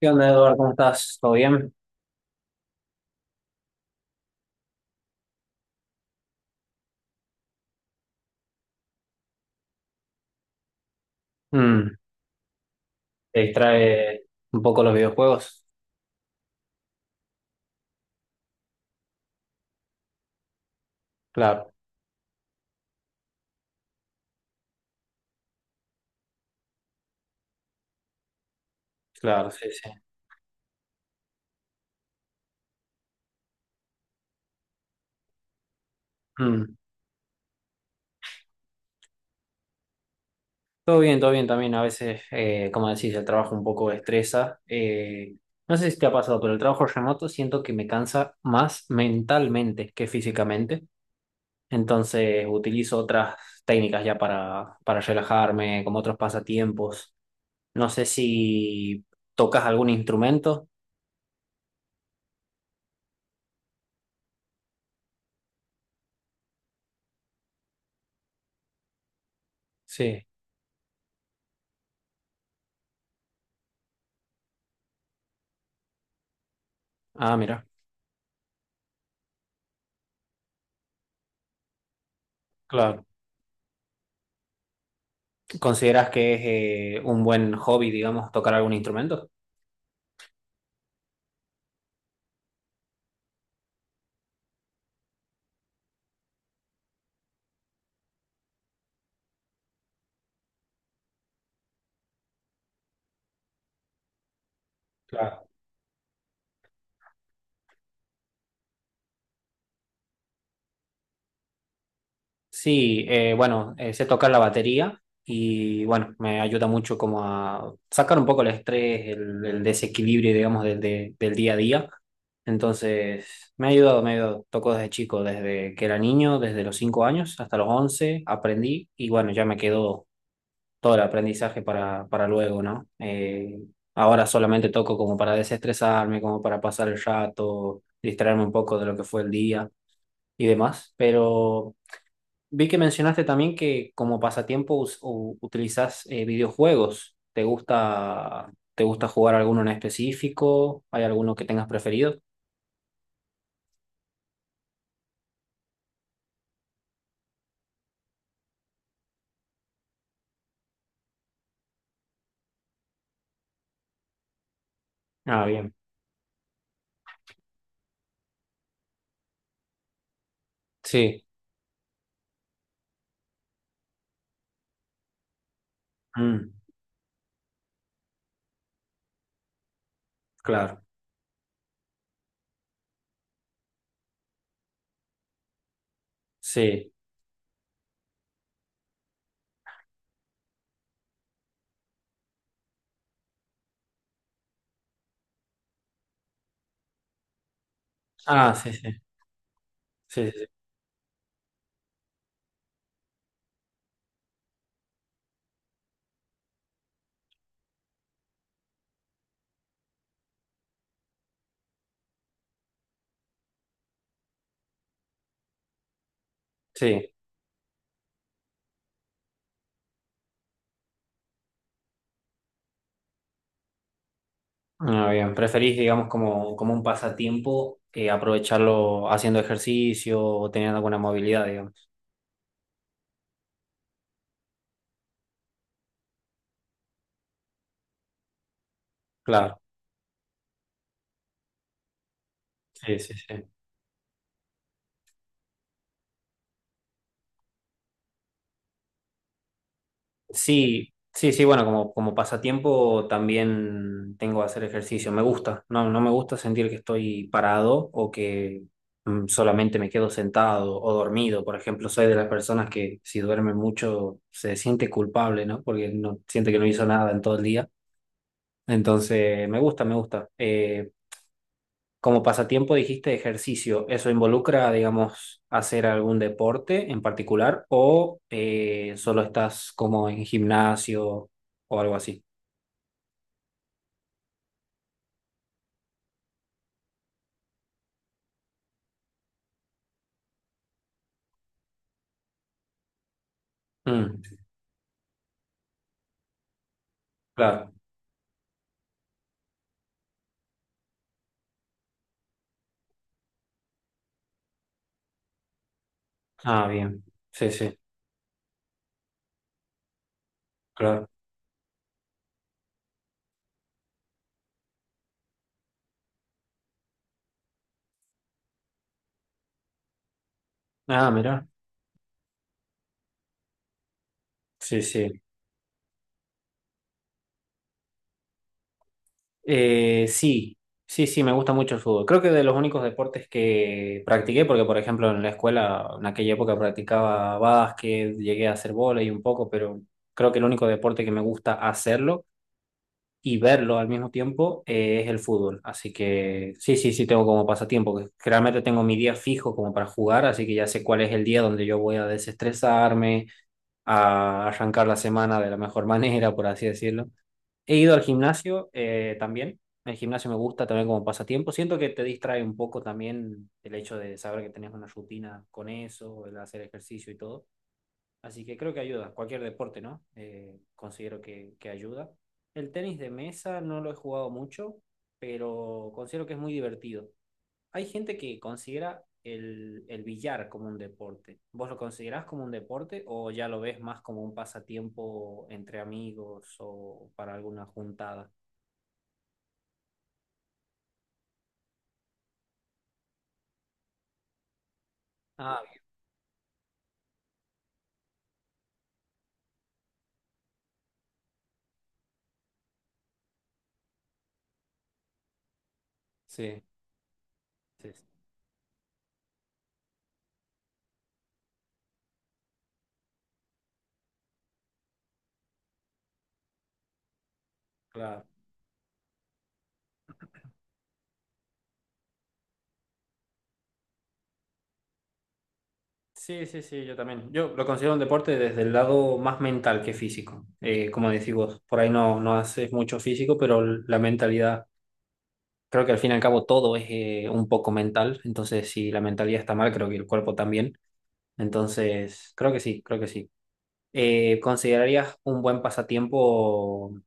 ¿Qué onda, Eduardo? ¿Cómo estás? ¿Todo bien? Mm, ¿Te distrae un poco los videojuegos? Claro, claro, sí, sí. Mm. Todo bien también. A veces, como decís, el trabajo un poco estresa. No sé si te ha pasado, pero el trabajo remoto siento que me cansa más mentalmente que físicamente. Entonces utilizo otras técnicas ya para relajarme, como otros pasatiempos. No sé si tocas algún instrumento. Sí. Ah, mira. Claro. ¿Consideras que es un buen hobby, digamos, tocar algún instrumento? Claro. Sí, bueno, sé tocar la batería y bueno, me ayuda mucho como a sacar un poco el estrés, el desequilibrio, digamos, del día a día. Entonces, me ha ayudado, me ha ayudado. Toco desde chico, desde que era niño, desde los 5 años hasta los 11 aprendí y bueno, ya me quedó todo el aprendizaje para luego, ¿no? Ahora solamente toco como para desestresarme, como para pasar el rato, distraerme un poco de lo que fue el día y demás, pero vi que mencionaste también que como pasatiempo utilizas videojuegos. Te gusta jugar alguno en específico? ¿Hay alguno que tengas preferido? Ah, bien. Sí. Mm, claro. Sí. Ah, sí, sí. Sí, sí, sí. Sí. Ah, bien, preferís, digamos, como, como un pasatiempo aprovecharlo haciendo ejercicio o teniendo alguna movilidad, digamos. Claro, sí, sí, sí. Sí, sí, sí, bueno, como, como pasatiempo también tengo que hacer ejercicio. Me gusta, no, no me gusta sentir que estoy parado o que solamente me quedo sentado o dormido. Por ejemplo, soy de las personas que si duerme mucho se siente culpable, ¿no? Porque no siente que no hizo nada en todo el día. Entonces, me gusta, me gusta. Como pasatiempo dijiste ejercicio, ¿eso involucra, digamos, hacer algún deporte en particular o solo estás como en gimnasio o algo así? Mm, claro. Ah, bien. Sí, sí, claro. Ah, mira. Sí, sí. Sí, sí, sí, me gusta mucho el fútbol. Creo que de los únicos deportes que practiqué, porque por ejemplo en la escuela, en aquella época practicaba básquet, llegué a hacer vóley un poco, pero creo que el único deporte que me gusta hacerlo y verlo al mismo tiempo es el fútbol. Así que sí, sí, sí tengo como pasatiempo, que realmente tengo mi día fijo como para jugar, así que ya sé cuál es el día donde yo voy a desestresarme, a arrancar la semana de la mejor manera, por así decirlo. He ido al gimnasio también. El gimnasio me gusta también como pasatiempo. Siento que te distrae un poco también el hecho de saber que tenés una rutina con eso, el hacer ejercicio y todo. Así que creo que ayuda, cualquier deporte, ¿no? Considero que ayuda. El tenis de mesa no lo he jugado mucho, pero considero que es muy divertido. Hay gente que considera el billar como un deporte. ¿Vos lo considerás como un deporte o ya lo ves más como un pasatiempo entre amigos o para alguna juntada? Ah, bien. Sí, sí, sí, claro. Sí, sí, sí, yo también. Yo lo considero un deporte desde el lado más mental que físico. Como decís vos, por ahí no, no haces mucho físico, pero la mentalidad, creo que al fin y al cabo todo es un poco mental. Entonces, si la mentalidad está mal, creo que el cuerpo también. Entonces, creo que sí, creo que sí. ¿Considerarías un buen pasatiempo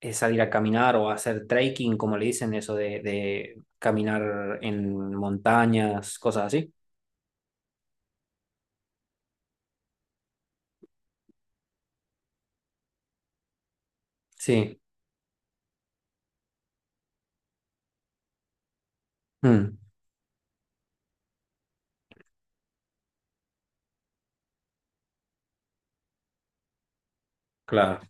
salir a caminar o hacer trekking, como le dicen, eso de caminar en montañas, cosas así? Sí, mm, claro.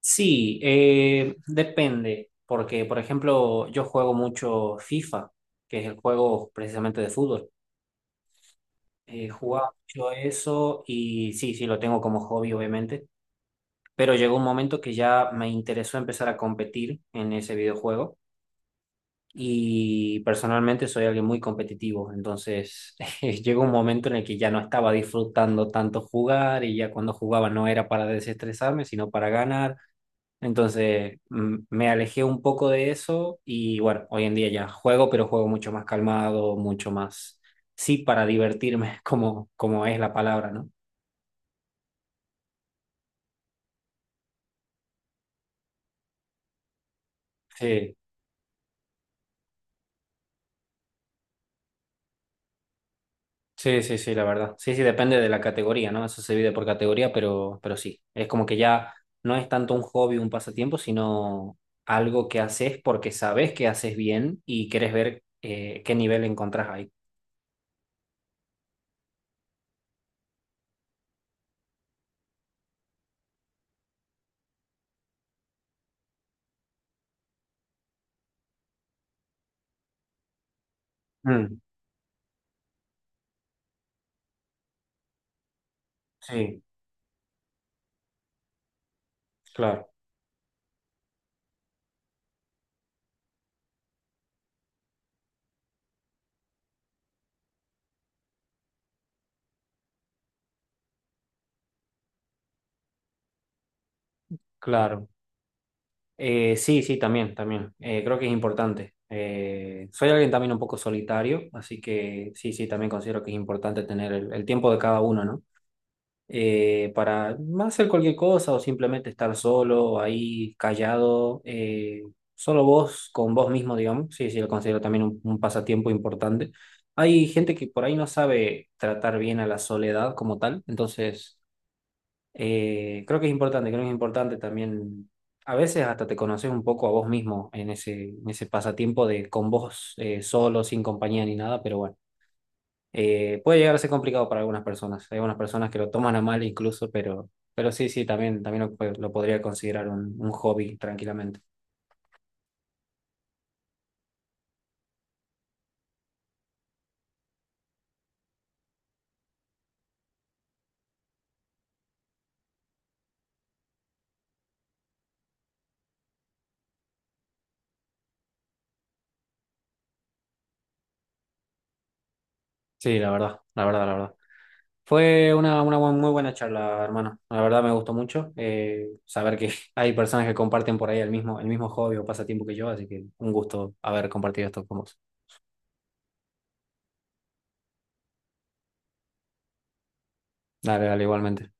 Sí, depende, porque por ejemplo yo juego mucho FIFA, que es el juego precisamente de fútbol. Jugaba mucho eso y sí, sí, lo tengo como hobby obviamente, pero llegó un momento que ya me interesó empezar a competir en ese videojuego y personalmente soy alguien muy competitivo, entonces llegó un momento en el que ya no estaba disfrutando tanto jugar y ya cuando jugaba no era para desestresarme, sino para ganar. Entonces me alejé un poco de eso y bueno, hoy en día ya juego, pero juego mucho más calmado, mucho más, sí, para divertirme, como, como es la palabra, ¿no? Sí, sí, sí, sí, la verdad. Sí, sí, depende de la categoría, ¿no? Eso se divide por categoría, pero sí, es como que ya no es tanto un hobby, un pasatiempo, sino algo que haces porque sabes que haces bien y querés ver qué nivel encontrás ahí. Mm, sí, claro, claro. Sí, sí, también, también. Creo que es importante. Soy alguien también un poco solitario, así que sí, sí, también considero que es importante tener el tiempo de cada uno, ¿no? Para más hacer cualquier cosa o simplemente estar solo, ahí, callado, solo vos, con vos mismo, digamos. Sí, sí, lo considero también un pasatiempo importante. Hay gente que por ahí no sabe tratar bien a la soledad como tal, entonces... creo que es importante, creo que es importante también. A veces hasta te conoces un poco a vos mismo en ese pasatiempo de con vos solo, sin compañía ni nada, pero bueno, puede llegar a ser complicado para algunas personas. Hay algunas personas que lo toman a mal incluso, pero sí, sí, también, también lo podría considerar un hobby tranquilamente. Sí, la verdad, la verdad, la verdad. Fue una, muy buena charla, hermano. La verdad me gustó mucho saber que hay personas que comparten por ahí el mismo hobby o pasatiempo que yo, así que un gusto haber compartido esto con vos. Dale, dale, igualmente.